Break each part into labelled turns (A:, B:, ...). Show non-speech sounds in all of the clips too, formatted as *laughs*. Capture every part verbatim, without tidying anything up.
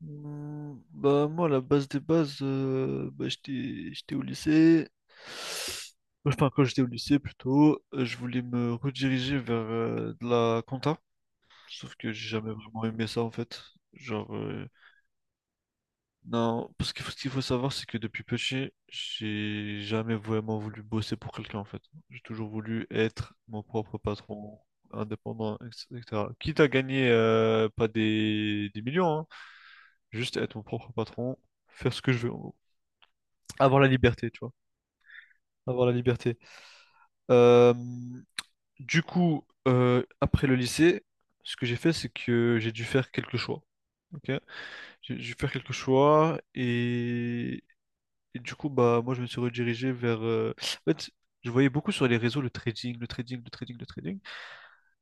A: Hum, Bah moi la base des bases euh, bah, j'étais j'étais au lycée, enfin quand j'étais au lycée plutôt, euh, je voulais me rediriger vers euh, de la compta, sauf que j'ai jamais vraiment aimé ça en fait. genre euh, non, parce que ce qu'il faut savoir, c'est que depuis petit j'ai jamais vraiment voulu bosser pour quelqu'un en fait. J'ai toujours voulu être mon propre patron, indépendant, etc et cætera Quitte à gagner euh, pas des, des millions hein, juste être mon propre patron, faire ce que je veux, en gros. Avoir la liberté, tu vois, avoir la liberté. Euh, du coup, euh, après le lycée, ce que j'ai fait, c'est que j'ai dû faire quelques choix. Ok, j'ai j'ai dû faire quelques choix, et, et du coup, bah, moi, je me suis redirigé vers. euh, En fait, je voyais beaucoup sur les réseaux le trading, le trading, le trading, le trading.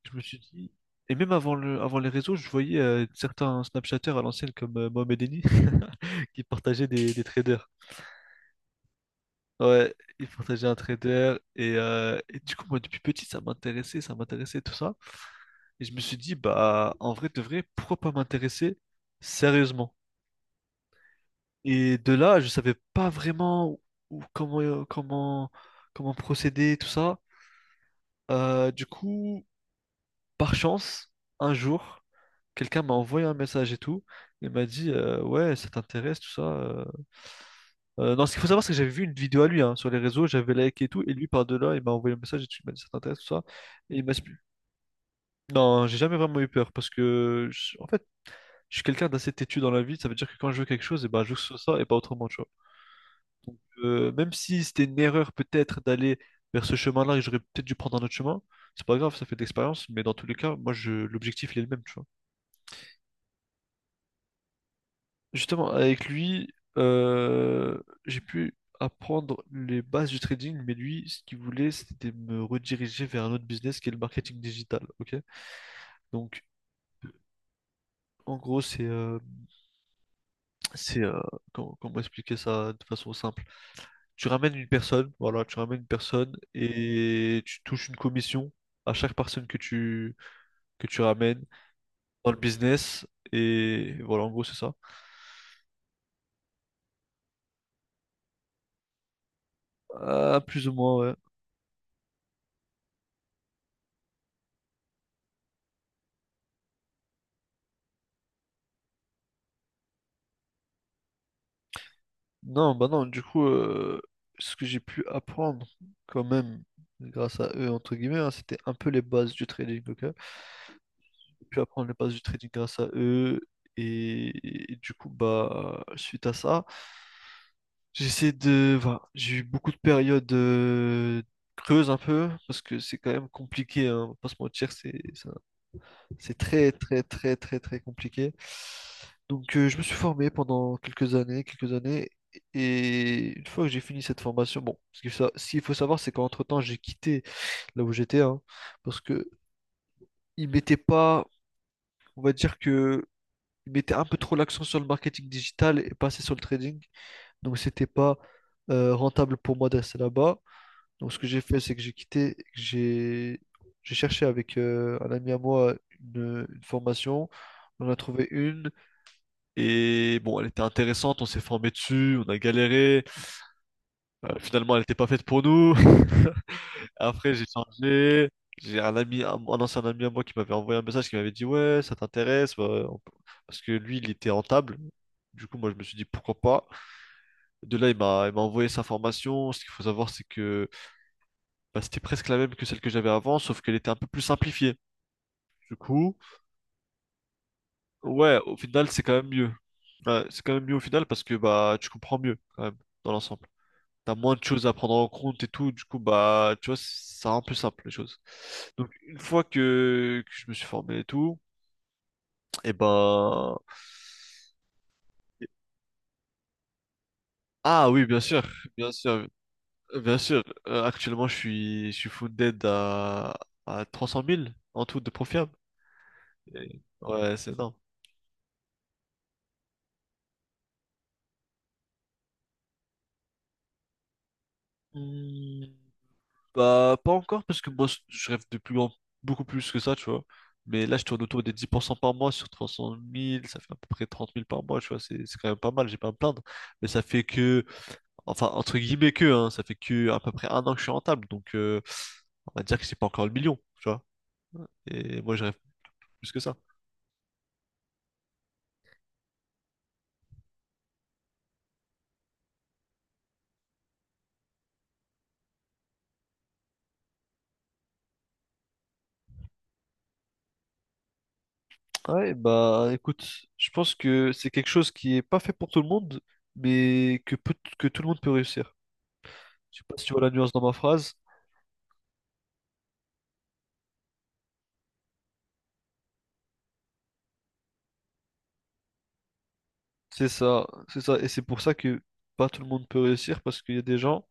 A: Je me suis dit, et même avant le, avant les réseaux, je voyais euh, certains Snapchatters à l'ancienne comme euh, Mohamed Eni *laughs* qui partageaient des, des traders. Ouais, il partageait un trader et, euh, et du coup moi depuis petit ça m'intéressait, ça m'intéressait tout ça. Et je me suis dit, bah en vrai de vrai pourquoi pas m'intéresser sérieusement. Et de là je savais pas vraiment où- où- comment euh, comment comment procéder tout ça. Euh, du coup, par chance, un jour, quelqu'un m'a envoyé un message et tout, et m'a dit euh, ouais, ça t'intéresse tout ça euh, Euh, non, ce qu'il faut savoir, c'est que j'avais vu une vidéo à lui hein, sur les réseaux, j'avais liké et tout, et lui par-delà, il m'a envoyé un message et tout, il m'a dit ça t'intéresse, tout ça. Et il m'a expli- Non, j'ai jamais vraiment eu peur parce que, je- en fait, je suis quelqu'un d'assez têtu dans la vie, ça veut dire que quand je veux quelque chose, et ben, je veux que ça et pas autrement, tu vois. Donc, euh, même si c'était une erreur peut-être d'aller vers ce chemin-là et j'aurais peut-être dû prendre un autre chemin, c'est pas grave, ça fait de l'expérience, mais dans tous les cas, moi, je... l'objectif, il est le même, tu vois. Justement, avec lui, euh, j'ai pu apprendre les bases du trading, mais lui, ce qu'il voulait, c'était me rediriger vers un autre business qui est le marketing digital. Ok? Donc, en gros, c'est euh, c'est euh, comment, comment expliquer ça de façon simple? Tu ramènes une personne, voilà, tu ramènes une personne et tu touches une commission à chaque personne que tu que tu ramènes dans le business. Et voilà, en gros, c'est ça. Ah, plus ou moins, ouais. Non, bah non, du coup, euh, ce que j'ai pu apprendre quand même grâce à eux, entre guillemets, hein, c'était un peu les bases du trading, ok? J'ai pu apprendre les bases du trading grâce à eux, et, et du coup, bah, suite à ça, j'essaie de... Voilà, j'ai eu beaucoup de périodes euh, creuses un peu, parce que c'est quand même compliqué, hein, on va pas se mentir, c'est c'est c'est très, très, très, très, très compliqué. Donc, euh, je me suis formé pendant quelques années, quelques années. Et une fois que j'ai fini cette formation, bon, ce qu'il faut, sa- ce qu'il faut savoir, c'est qu'entre-temps, j'ai quitté là où j'étais, hein, parce que ils mettaient pas, on va dire que ils mettaient un peu trop l'accent sur le marketing digital et pas assez sur le trading. Donc, c'était pas euh, rentable pour moi de rester là-bas. Donc, ce que j'ai fait, c'est que j'ai quitté, j'ai j'ai cherché avec euh, un ami à moi une, une formation. On a trouvé une, et bon, elle était intéressante. On s'est formé dessus, on a galéré. Euh, finalement, elle n'était pas faite pour nous. *laughs* Après, j'ai changé. J'ai un ami, un, un ancien ami à moi qui m'avait envoyé un message qui m'avait dit ouais, ça t'intéresse bah, on peut- parce que lui, il était rentable. Du coup, moi, je me suis dit pourquoi pas. De là, il m'a, il m'a envoyé sa formation. Ce qu'il faut savoir, c'est que bah, c'était presque la même que celle que j'avais avant, sauf qu'elle était un peu plus simplifiée. Du coup, ouais, au final, c'est quand même mieux. Ouais, c'est quand même mieux au final parce que bah tu comprends mieux quand même dans l'ensemble. T'as moins de choses à prendre en compte et tout, du coup bah tu vois, ça rend plus simple les choses. Donc une fois que, que je me suis formé et tout, et ben ah oui bien sûr, bien sûr, bien sûr. Euh, actuellement, je suis je suis funded à, à trois cent mille en tout de profil. Et- Ouais, c'est énorme. Hmm, bah, pas encore, parce que moi, je rêve de plus grand, beaucoup plus que ça, tu vois. Mais là, je tourne autour des dix pour cent par mois, sur trois cent mille, ça fait à peu près trente mille par mois, tu vois. C'est c'est quand même pas mal, j'ai pas à me plaindre. Mais ça fait que, enfin, entre guillemets que, hein, ça fait que à peu près un an que je suis rentable. Donc, euh, on va dire que c'est pas encore le million, tu vois. Et moi, je rêve plus que ça. Ouais, bah écoute, je pense que c'est quelque chose qui est pas fait pour tout le monde, mais que, peut- que tout le monde peut réussir. Je sais pas si tu vois la nuance dans ma phrase. C'est ça, c'est ça, et c'est pour ça que pas tout le monde peut réussir, parce qu'il y a des gens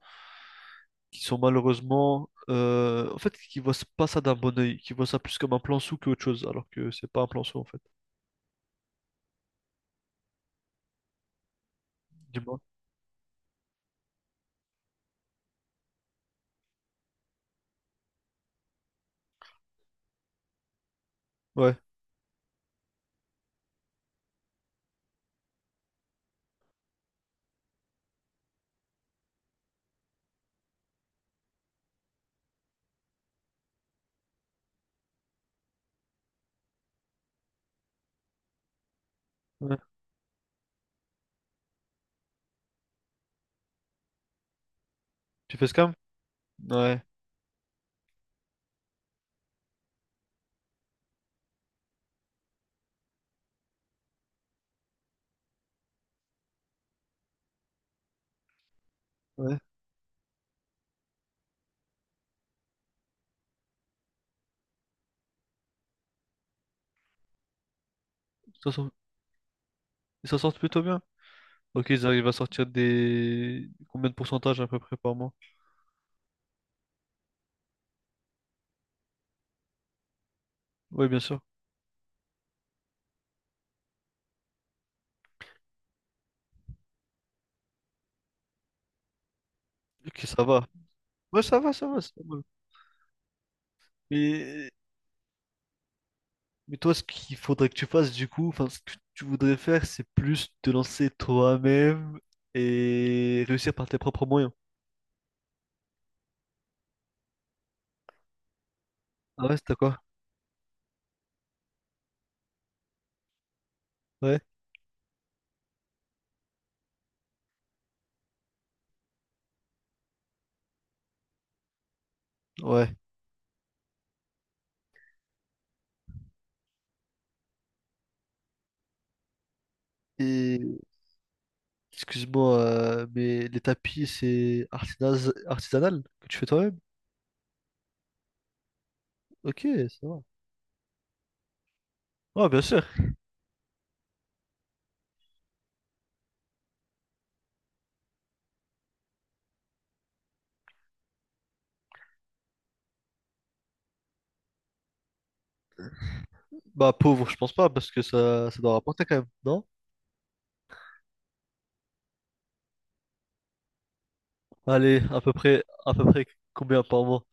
A: qui sont malheureusement, euh, en fait, qui voient pas ça d'un bon œil, qui voient ça plus comme un plan sous qu'autre chose, alors que c'est pas un plan sous en fait. Dis-moi. Ouais, ouais. Tu fais ce cam? Ouais, ouais. Ils s'en sortent ils s'en sortent plutôt bien. Ok, ils arrivent à sortir des... Combien de pourcentage à peu près par mois? Oui, bien sûr. Ok, ça va. Ouais ça va, ça va, c'est pas mal. Mais, mais toi, ce qu'il faudrait que tu fasses, du coup, enfin, ce que tu voudrais faire, c'est plus te lancer toi-même et réussir par tes propres moyens. Ah ouais, c'était quoi? Ouais, ouais. Et, excuse-moi, euh, mais les tapis, c'est artisanal, artisanal que tu fais toi-même? Ok, ça va. Ouais, bien sûr. Bah, pauvre, je pense pas, parce que ça, ça doit rapporter quand même, non? Allez, à peu près, à peu près combien par mois?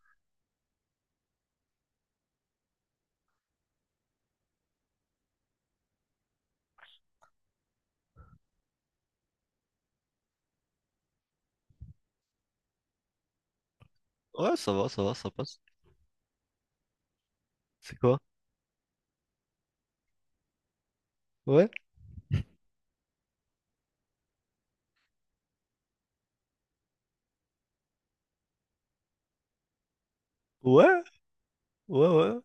A: Ouais, ça va, ça va, ça passe. C'est quoi? Ouais? Ouais, ouais, ouais,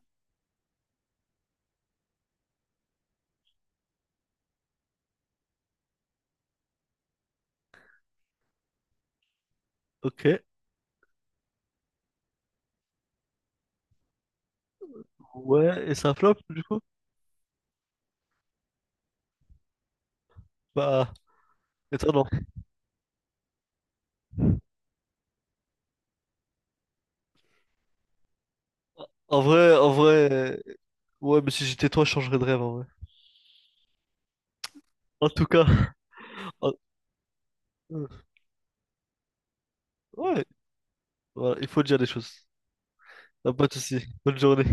A: ok. Ouais, et ça flop du coup? Bah, étonnant. En vrai, en vrai, euh, ouais, mais si j'étais toi, je changerais de rêve en vrai. En tout cas, *laughs* en- euh, ouais, voilà, il faut dire les choses. T'as pas de soucis. Bonne journée.